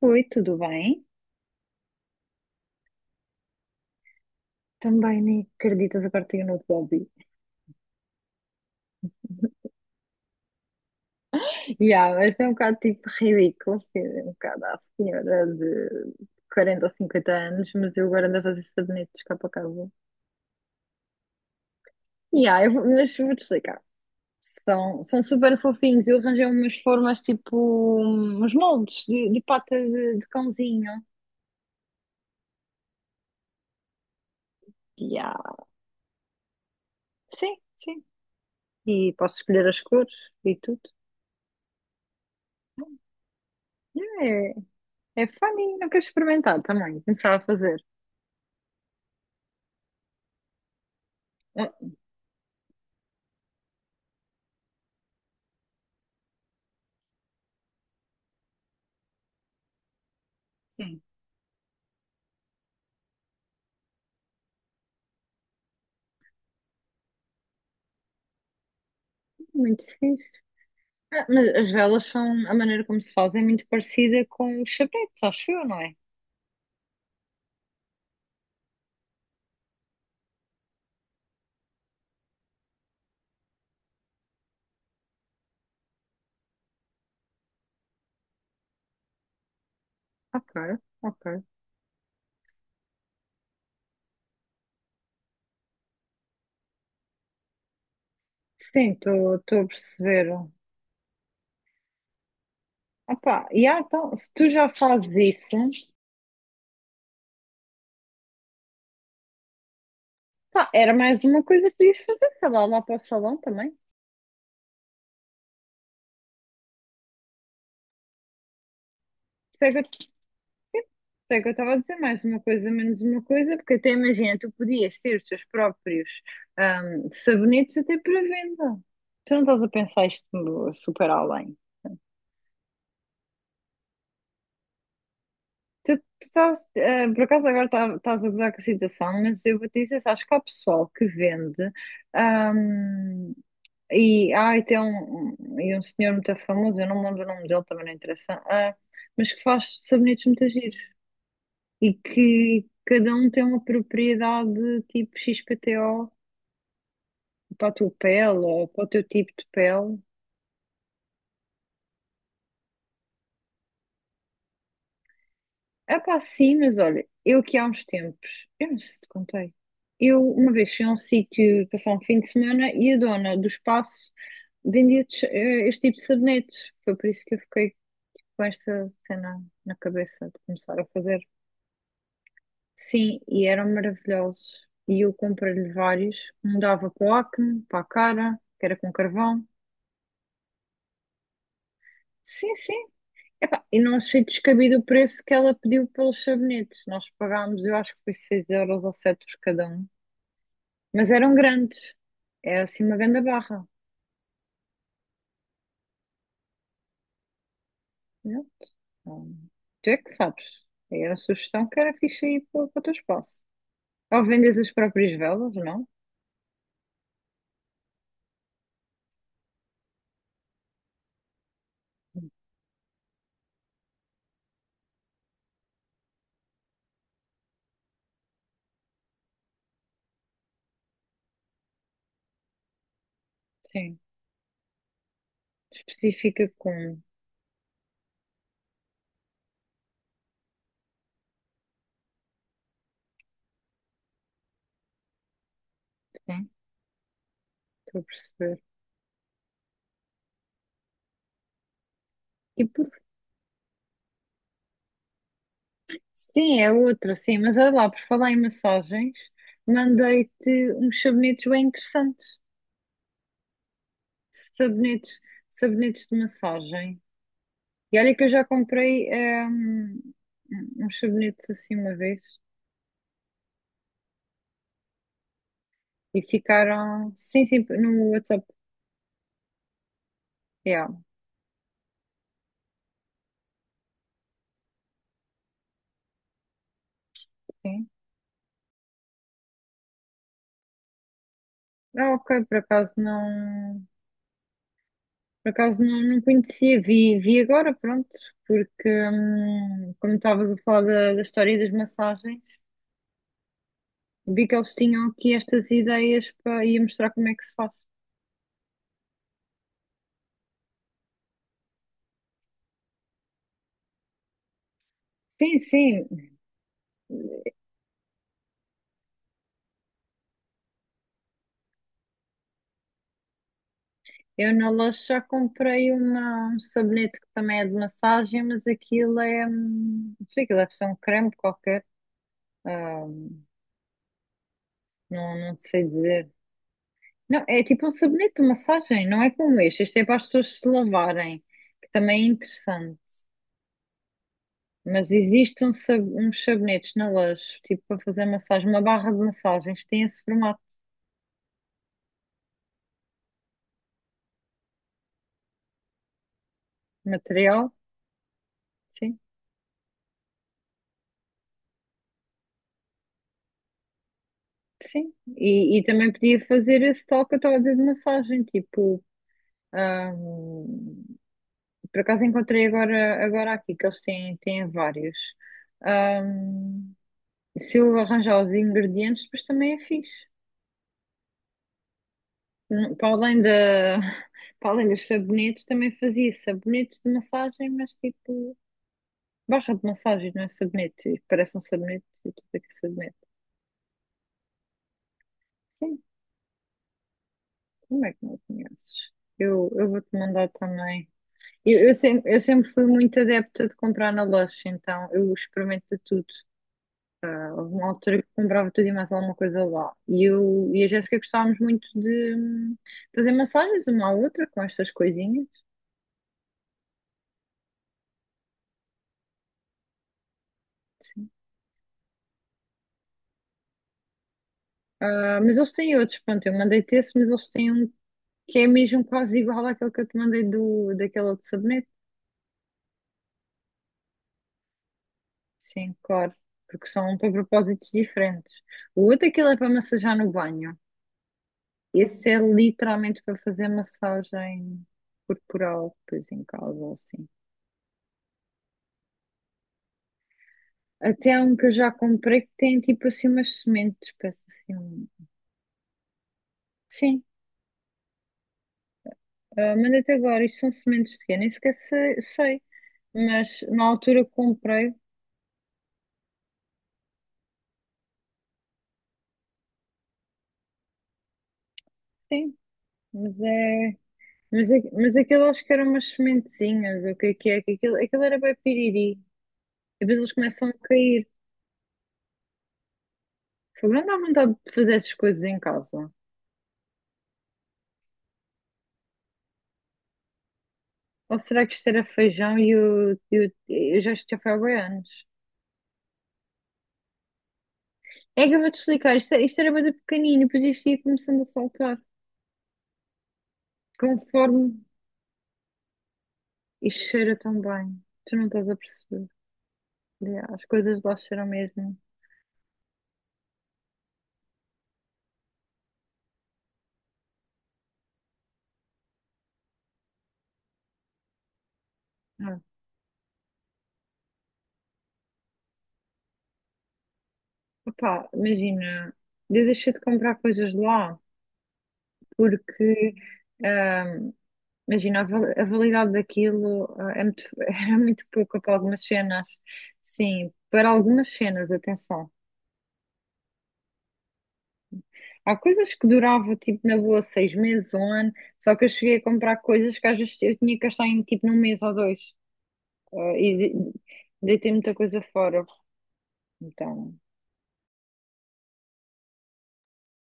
Oi, tudo bem? Também nem acreditas, agora tenho um novo hobby. Yeah, mas é um bocado tipo ridículo, assim, um bocado à senhora de 40 ou 50 anos, mas eu agora ando a fazer sabonetes cá para casa. Yeah, eu vou, mas vou-te explicar. São super fofinhos. Eu arranjei umas formas, tipo uns moldes de pata de cãozinho. Yeah. Sim, sim. E posso escolher as cores e tudo. Yeah, é funny, não quero experimentar também. Começar a fazer. Ah, sim. Muito fixe. Ah, mas as velas são, a maneira como se faz é muito parecida com os chapetes, acho eu, não é? Ok, ok. Sim, estou a perceber. Ah, pá, e então, se tu já fazes isso, pá, era mais uma coisa que podias fazer, sei lá, lá para o salão também. Por isso é que eu por isso é que eu estava a dizer, mais uma coisa, menos uma coisa, porque até imagina, tu podias ter os teus próprios, sabonetes até para venda. Tu não estás a pensar isto super além. Tu estás, por acaso agora estás a gozar com a situação, mas eu vou te dizer, sabes que há pessoal que vende, ahm, e, e tem e um senhor muito famoso, eu não me lembro o nome dele, também não interessa, mas que faz sabonetes muito giros e que cada um tem uma propriedade tipo XPTO para a tua pele ou para o teu tipo de pele. Ah, pá, sim, mas olha, eu que há uns tempos, eu não sei se te contei, eu uma vez fui a um sítio passar um fim de semana e a dona do espaço vendia este tipo de sabonetes. Foi por isso que eu fiquei com esta cena na cabeça de começar a fazer. Sim, e eram maravilhosos. E eu comprei-lhe vários. Um dava para o acne, para a cara, que era com carvão. Sim, sim. Epá, e não achei descabido o preço que ela pediu pelos sabonetes. Nós pagámos, eu acho que foi 6 euros ou 7 por cada um. Mas eram grandes. Era assim uma grande barra. Pronto. Hum, Tu é que sabes. Era a sugestão, que era fixe aí para, para o teu espaço. Ou vendes as próprias velas, não? Sim. Especifica com. Sim, estou a perceber. E por... Sim, é outra, sim. Mas olha lá, por falar em massagens, mandei-te uns sabonetes bem interessantes. Sabonetes, sabonetes de massagem. E olha que eu já comprei, hum, uns sabonetes assim uma vez. E ficaram, sim, sim, no WhatsApp, yeah, sim. Ah, ok, por acaso não, não conhecia, vi, vi agora, pronto, porque como estavas a falar da, da história e das massagens, vi que eles tinham aqui estas ideias para ia mostrar como é que se faz. Sim, sim, eu na loja já comprei uma, um sabonete que também é de massagem, mas aquilo é, não sei, aquilo deve ser um creme qualquer, ah, não, não sei dizer. Não, é tipo um sabonete de massagem, não é como este. Este é para as pessoas se lavarem, que também é interessante. Mas existem um uns sabonetes na Lush, tipo para fazer massagem, uma barra de massagens, tem esse formato de material, sim, sim. E também podia fazer esse tal que eu estava a dizer de massagem, tipo, ahm, por acaso encontrei agora, agora aqui, que eles têm, têm vários. Ahm, se eu arranjar os ingredientes, depois também é fixe. Não, para além da, para além dos sabonetes, também fazia sabonetes de massagem, mas tipo, barra de massagem, não é sabonete. Parece um sabonete e tudo aqui é sabonete. Sim, como é que não conheces? Eu vou-te mandar também. Eu sempre fui muito adepta de comprar na loja, então eu experimento de tudo. Houve uma altura que comprava tudo e mais alguma coisa lá. E eu e a Jéssica gostávamos muito de, fazer massagens uma à outra com estas coisinhas. Sim. Ah, mas eles têm outros, pronto, eu mandei-te esse, mas eles têm um que é mesmo quase igual àquele que eu te mandei do, daquele outro sabonete. Sim, claro, porque são para propósitos diferentes. O outro, aquele é para massajar no banho. Esse é literalmente para fazer massagem corporal, depois em casa ou assim. Até há um que eu já comprei que tem tipo assim umas sementes, parece assim. Sim, ah, mandei-te agora, isto são sementes de quê? Nem sequer sei. Mas na altura que comprei, sim. Mas é. Mas, mas aquilo acho que eram umas sementezinhas, o que é que é? Que Aquilo, aquilo era bem piriri. E depois eles começam a cair. Fogo, não dá vontade de fazer essas coisas em casa. Ou será que isto era feijão e eu já isto já foi há bué anos? É que eu vou desligar, isto, isto era bem pequenino, e depois isto ia começando a saltar. Conforme isto cheira tão bem. Tu não estás a perceber. Yeah, as coisas lá cheiram mesmo. Ah, opá, imagina, eu deixei de comprar coisas lá porque. ah, Imagina, a a validade daquilo, é muito, era muito pouca para algumas cenas. Sim, para algumas cenas, atenção. Há coisas que duravam, tipo, na boa, 6 meses, um ano, só que eu cheguei a comprar coisas que às vezes eu tinha que gastar em, tipo, num mês ou dois. Ah, deitei muita coisa fora. Então,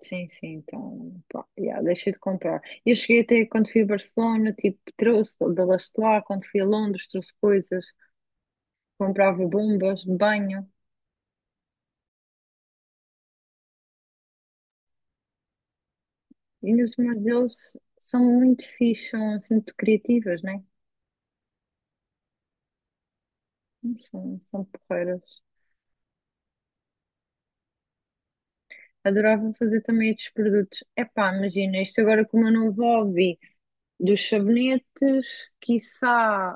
sim, sim, então, pá, yeah, deixei de comprar. Eu cheguei até, quando fui a Barcelona, tipo, trouxe da lá, quando fui a Londres, trouxe coisas, comprava bombas de banho. E os modelos são muito fixos, são assim, muito criativas, né? São porreiras. Adorava fazer também estes produtos. Epá, imagina, isto agora com o meu novo hobby dos sabonetes, quiçá,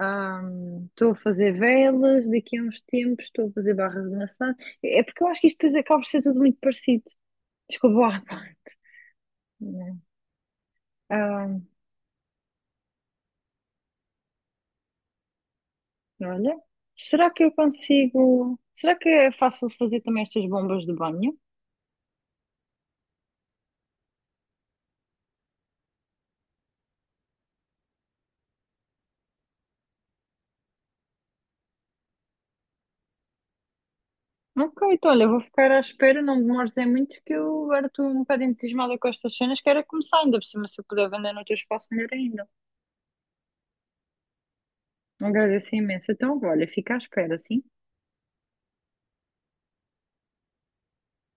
estou a fazer velas, daqui a uns tempos estou a fazer barras de maçã. É porque eu acho que isto depois acaba por ser tudo muito parecido. Desculpa lá. Né? Hum, olha, será que eu consigo... Será que é fácil fazer também estas bombas de banho? Ok, então olha, eu vou ficar à espera, não me demores é muito, que eu agora estou um bocado entusiasmada com estas cenas, quero é começar, ainda por cima, se eu puder vender no teu espaço, melhor ainda. Agradeço imenso. Então, olha, fica à espera, sim?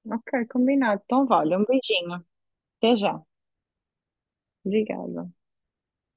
Ok, combinado. Então, vale, um beijinho. Até já. Obrigada.